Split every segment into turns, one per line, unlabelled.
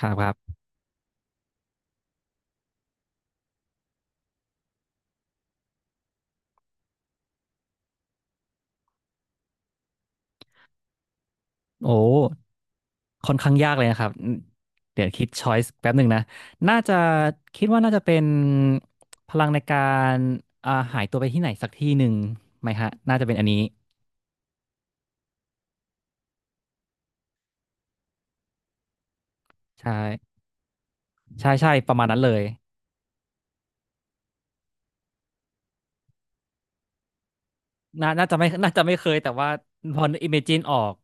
ครับครับโอ้ค่อนข้างยากเลยนะครับเดี๋ยวคิดช้อยส์แป๊บหนึ่งนะน่าจะคิดว่าน่าจะเป็นพลังในการหายตัวไปที่ไหนสักที่หนึ่งไหมฮะน่าจะเป็นอันนี้ใช่ใช่ใช่ประมาณนั้นเลยน่าจะไม่เคยแต่ว่าพอ imagine ออก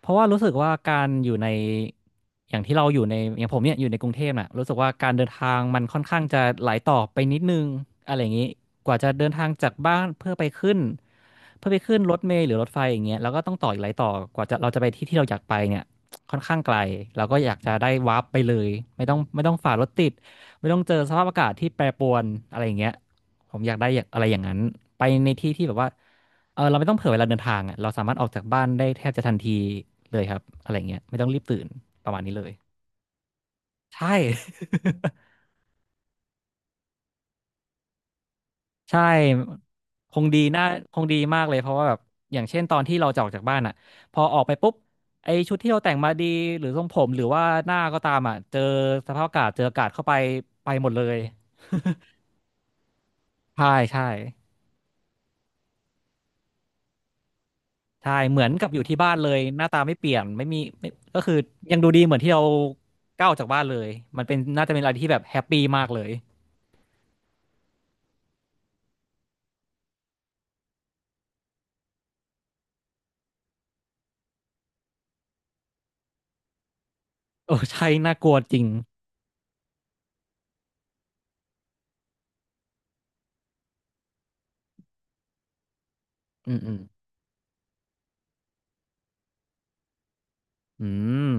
เพราะว่ารู้สึกว่าการอยู่ในอย่างที่เราอยู่ในอย่างผมเนี่ยอยู่ในกรุงเทพน่ะรู้สึกว่าการเดินทางมันค่อนข้างจะหลายต่อไปนิดนึงอะไรอย่างนี้กว่าจะเดินทางจากบ้านเพื่อไปขึ้นเพื่อไปขึ้นรถเมล์หรือรถไฟอย่างเงี้ยแล้วก็ต้องต่ออีกหลายต่อกว่าจะเราจะไปที่ที่เราอยากไปเนี่ยค่อนข้างไกลเราก็อยากจะได้วาร์ปไปเลยไม่ต้องฝ่ารถติดไม่ต้องเจอสภาพอากาศที่แปรปรวนอะไรอย่างเงี้ย ผมอยากได้อย่างอะไรอย่างนั้นไปในที่ที่แบบว่าเออเราไม่ต้องเผื่อเวลาเดินทางอ่ะเราสามารถออกจากบ้านได้แทบจะทันทีเลยครับอะไรเงี้ยไม่ต้องรีบตื่นประมาณนี้เลยใช่ ใช่คงดีน่าคงดีมากเลยเพราะว่าแบบอย่างเช่นตอนที่เราจะออกจากบ้านอ่ะพอออกไปปุ๊บไอชุดที่เราแต่งมาดีหรือทรงผมหรือว่าหน้าก็ตามอ่ะเจอสภาพอากาศเจออากาศเข้าไปไปหมดเลย ใช่ใช่ ใช่เหมือนกับอยู่ที่บ้านเลยหน้าตาไม่เปลี่ยนไม่มีไม่ก็คือยังดูดีเหมือนที่เราก้าวออกจากบ้านเลยมันเป็นน่าจะเป็นอะไรที่แบบแฮปปี้มากเลยเออใช่น่ากลัวจริงอืมอืมอืม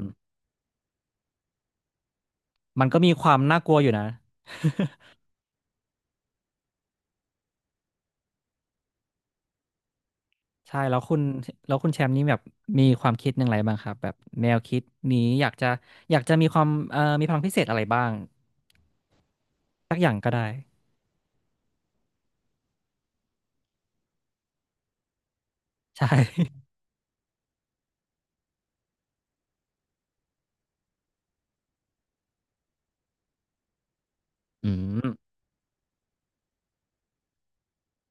มันก็มีความน่ากลัวอยู่นะ ใช่แล้วคุณแล้วคุณแชมป์นี่แบบมีความคิดอย่างไรบ้างครับแบบแนวคิดนี้อยากจะอยากจะมีความมีพลังพิเศษอะไรบ้างสักอย่างก็ได้ใช่ อืม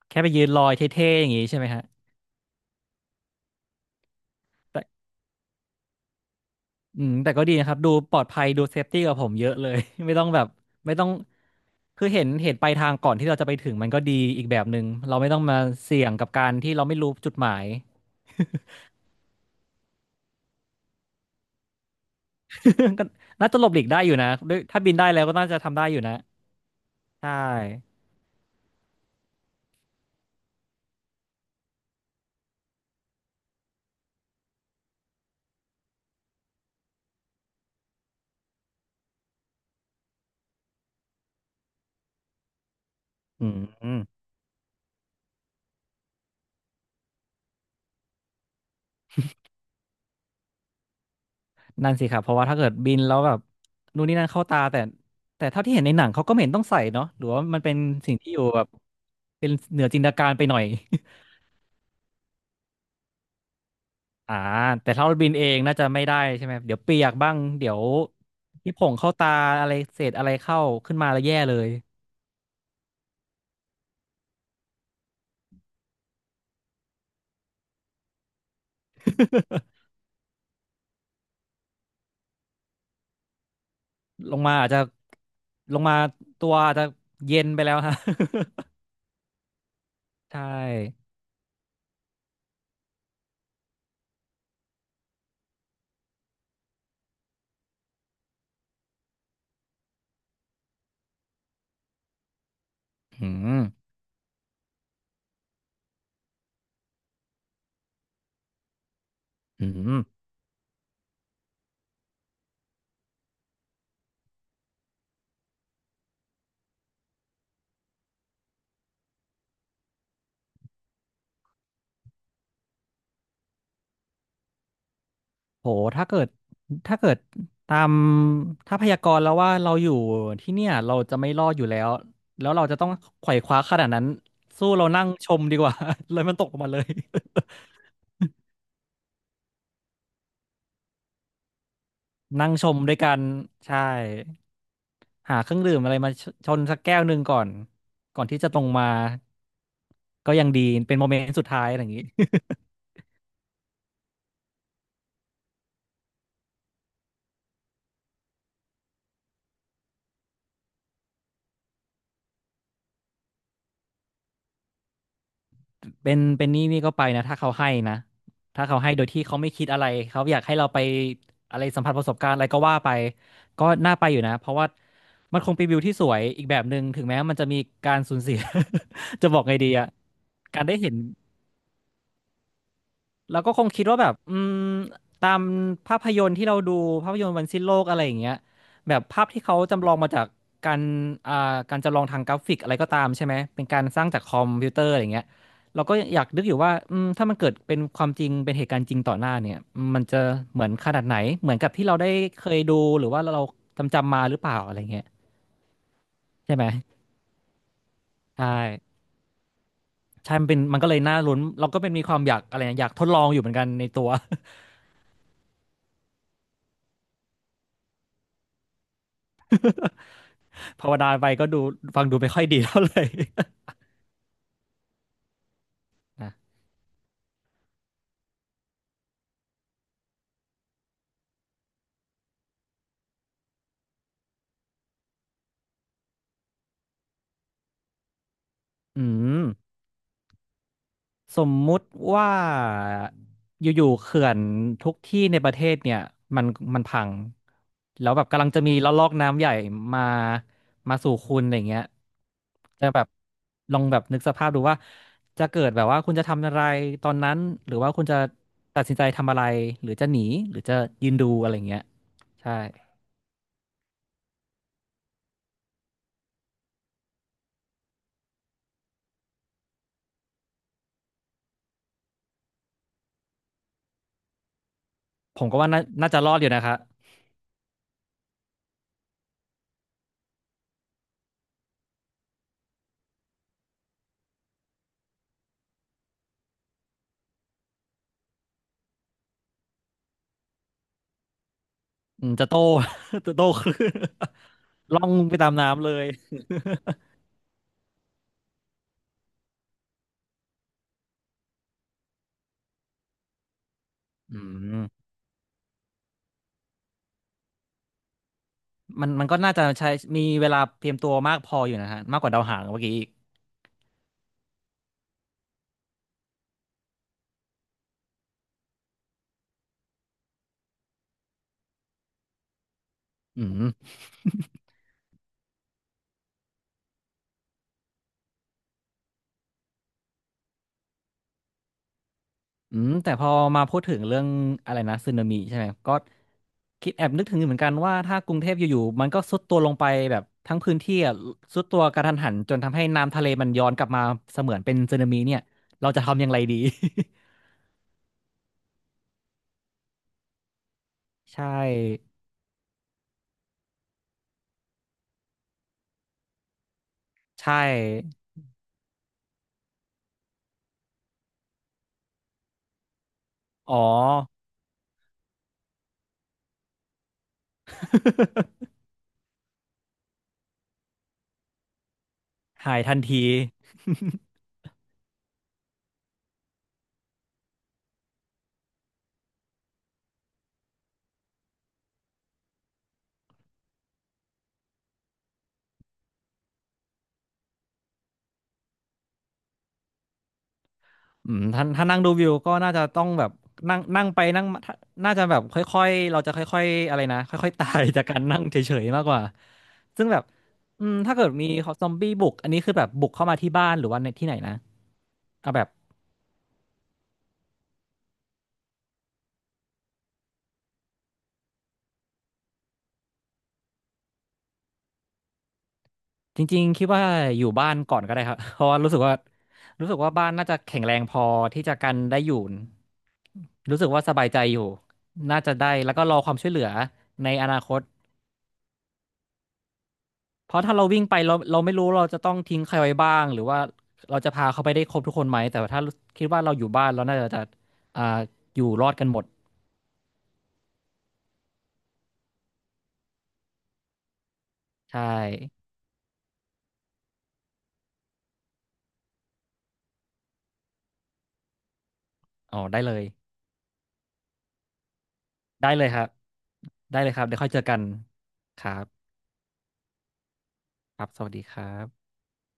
แค่ไปยืนลอยเท่ๆอย่างนี้ใช่ไหมฮะ อืมแต่ก็ดีนะครับดูปลอดภัยดูเซฟตี้กับผมเยอะเลย ไม่ต้องแบบไม่ต้องคือเห็นเห็นปลายทางก่อนที่เราจะไปถึงมันก็ดีอีกแบบหนึ่งเราไม่ต้องมาเสี่ยงกับการที่เราไม่รู้จุดหมาย ก็น่าจะหลบหลีกได้อยู่นะด้วยถ้าบินได้แล้วก็น่าจะทำได้อยู่นะใช่อืมนั่นสิครับเพราะว่าถ้าเกิดบินแล้วแบบนู่นนี่นั่นเข้าตาแต่แต่เท่าที่เห็นในหนังเขาก็ไม่เห็นต้องใส่เนาะหรือว่ามันเป็นสิ่งที่อยู่แบบเป็นเหนือจินตนาการไปหน่อย อ่าแต่ถ้าเราบินเองน่าจะไม่ได้ใช่ไหมเดี๋ยวเปียกบ้างเดี๋ยวที่ผงเข้าตาอะไรเศษอะไรเข้าขึ้นมาแล้วแย่เลย ลงมาอาจจะลงมาตัวอาจจะเย็นไปแล้วฮะ ใช่อืมอืมโหถ้าเกิดถ้าเกิดตามถ้าพยากรณ์แล้วว่าเราอยู่ที่เนี่ยเราจะไม่รอดอยู่แล้วแล้วเราจะต้องไขว่คว้าขนาดนั้นสู้เรานั่งชมดีกว่า เลยมันตกลงมาเลย นั่งชมด้วยกันใช่ หาเครื่องดื่มอะไรมาชชนสักแก้วหนึ่งก่อนก่อนที่จะตรงมาก็ยังดีเป็นโมเมนต์สุดท้ายอะไรอย่างนี้ เป็นเป็นนี่นี่ก็ไปนะถ้าเขาให้นะถ้าเขาให้โดยที่เขาไม่คิดอะไรเขาอยากให้เราไปอะไรสัมผัสประสบการณ์อะไรก็ว่าไปก็น่าไปอยู่นะเพราะว่ามันคงเป็นวิวที่สวยอีกแบบหนึ่งถึงแม้มันจะมีการสูญเสีย จะบอกไงดีอะการได้เห็น เราก็คงคิดว่าแบบอืมตามภาพยนตร์ที่เราดูภาพยนตร์วันสิ้นโลกอะไรอย่างเงี้ยแบบภาพที่เขาจำลองมาจากการอ่าการจำลองทางกราฟิกอะไรก็ตามใช่ไหมเป็นการสร้างจากคอมพิวเตอร์อะไรเงี้ยเราก็อยากนึกอยู่ว่าอืมถ้ามันเกิดเป็นความจริงเป็นเหตุการณ์จริงต่อหน้าเนี่ยมันจะเหมือนขนาดไหนเหมือนกับที่เราได้เคยดูหรือว่าเราจำมาหรือเปล่าอะไรเงี้ยใช่ไหมใช่ใช่มันเป็นมันก็เลยน่าลุ้นเราก็เป็นมีความอยากอะไรนะอยากทดลองอยู่เหมือนกันในตัว ภาวนาไปก็ดูฟังดูไม่ค่อยดีเท่าไหร่ นะอืมสมมุติว่าอยู่ๆเขื่อนทุกที่ในประเทศเนี่ยมันมันพังแล้วแบบกำลังจะมีละลอกน้ำใหญ่มาสู่คุณอะไรเงี้ยจะแบบลองแบบนึกสภาพดูว่าจะเกิดแบบว่าคุณจะทำอะไรตอนนั้นหรือว่าคุณจะตัดสินใจทำอะไรหรือจะหนีหรือจะยืนดูอะไรเงี้ยใช่ผมก็ว่าน่าจะรอดอยู่นะคะ อืมจะโต จะโตค ลื่น ล่องไปตามน้ำเลยอืมมันก็น่าจะใช้มีเวลาเตรียมตัวมากพออยู่นะฮะมากกว่าดาวหางเมื่อกี้อีกอืมอืมแต่พอมาพูดถึงเรื่องอะไรนะสึนามิใช่ไหมก็คิดแอบนึกถึงอยู่เหมือนกันว่าถ้ากรุงเทพอยู่ๆมันก็ทรุดตัวลงไปแบบทั้งพื้นที่อะทรุดตัวกระทันหันจนทำให้น้ำทะเลมันย้อนกลับมาเสมือนเป็นสึนามิเนี่ยเราจะทำอย่างไรดี ใช่ใช่อ๋อ หายทันที อืมถ้านั่งดูวิวก็น่าจะต้องแบบนั่งนั่งไปนั่งมาถ้าน่าจะแบบค่อยๆเราจะค่อยๆอะไรนะค่อยๆตายจากการนั่งเฉยๆมากกว่าซึ่งแบบอืมถ้าเกิดมีซอมบี้บุกอันนี้คือแบบบุกเข้ามาที่บ้านหรือว่าในที่ไหนนะเอาแบบจริงๆคิดว่าอยู่บ้านก่อนก็ได้ครับ เพราะว่ารู้สึกว่าบ้านน่าจะแข็งแรงพอที่จะกันได้อยู่รู้สึกว่าสบายใจอยู่น่าจะได้แล้วก็รอความช่วยเหลือในอนาคต เพราะถ้าเราวิ่งไปเราไม่รู้เราจะต้องทิ้งใครไว้บ้างหรือว่าเราจะพาเขาไปได้ครบทุกคนไหมแต่ถ้าคิดว่าเราอยู่บ้านเราน่าจะอ่าอยู่รอดกันหมดใช่อ๋อได้เลยได้เลยครับได้เลยครับเดี๋ยวค่อยเจอกันครับครับสวัสดีครับ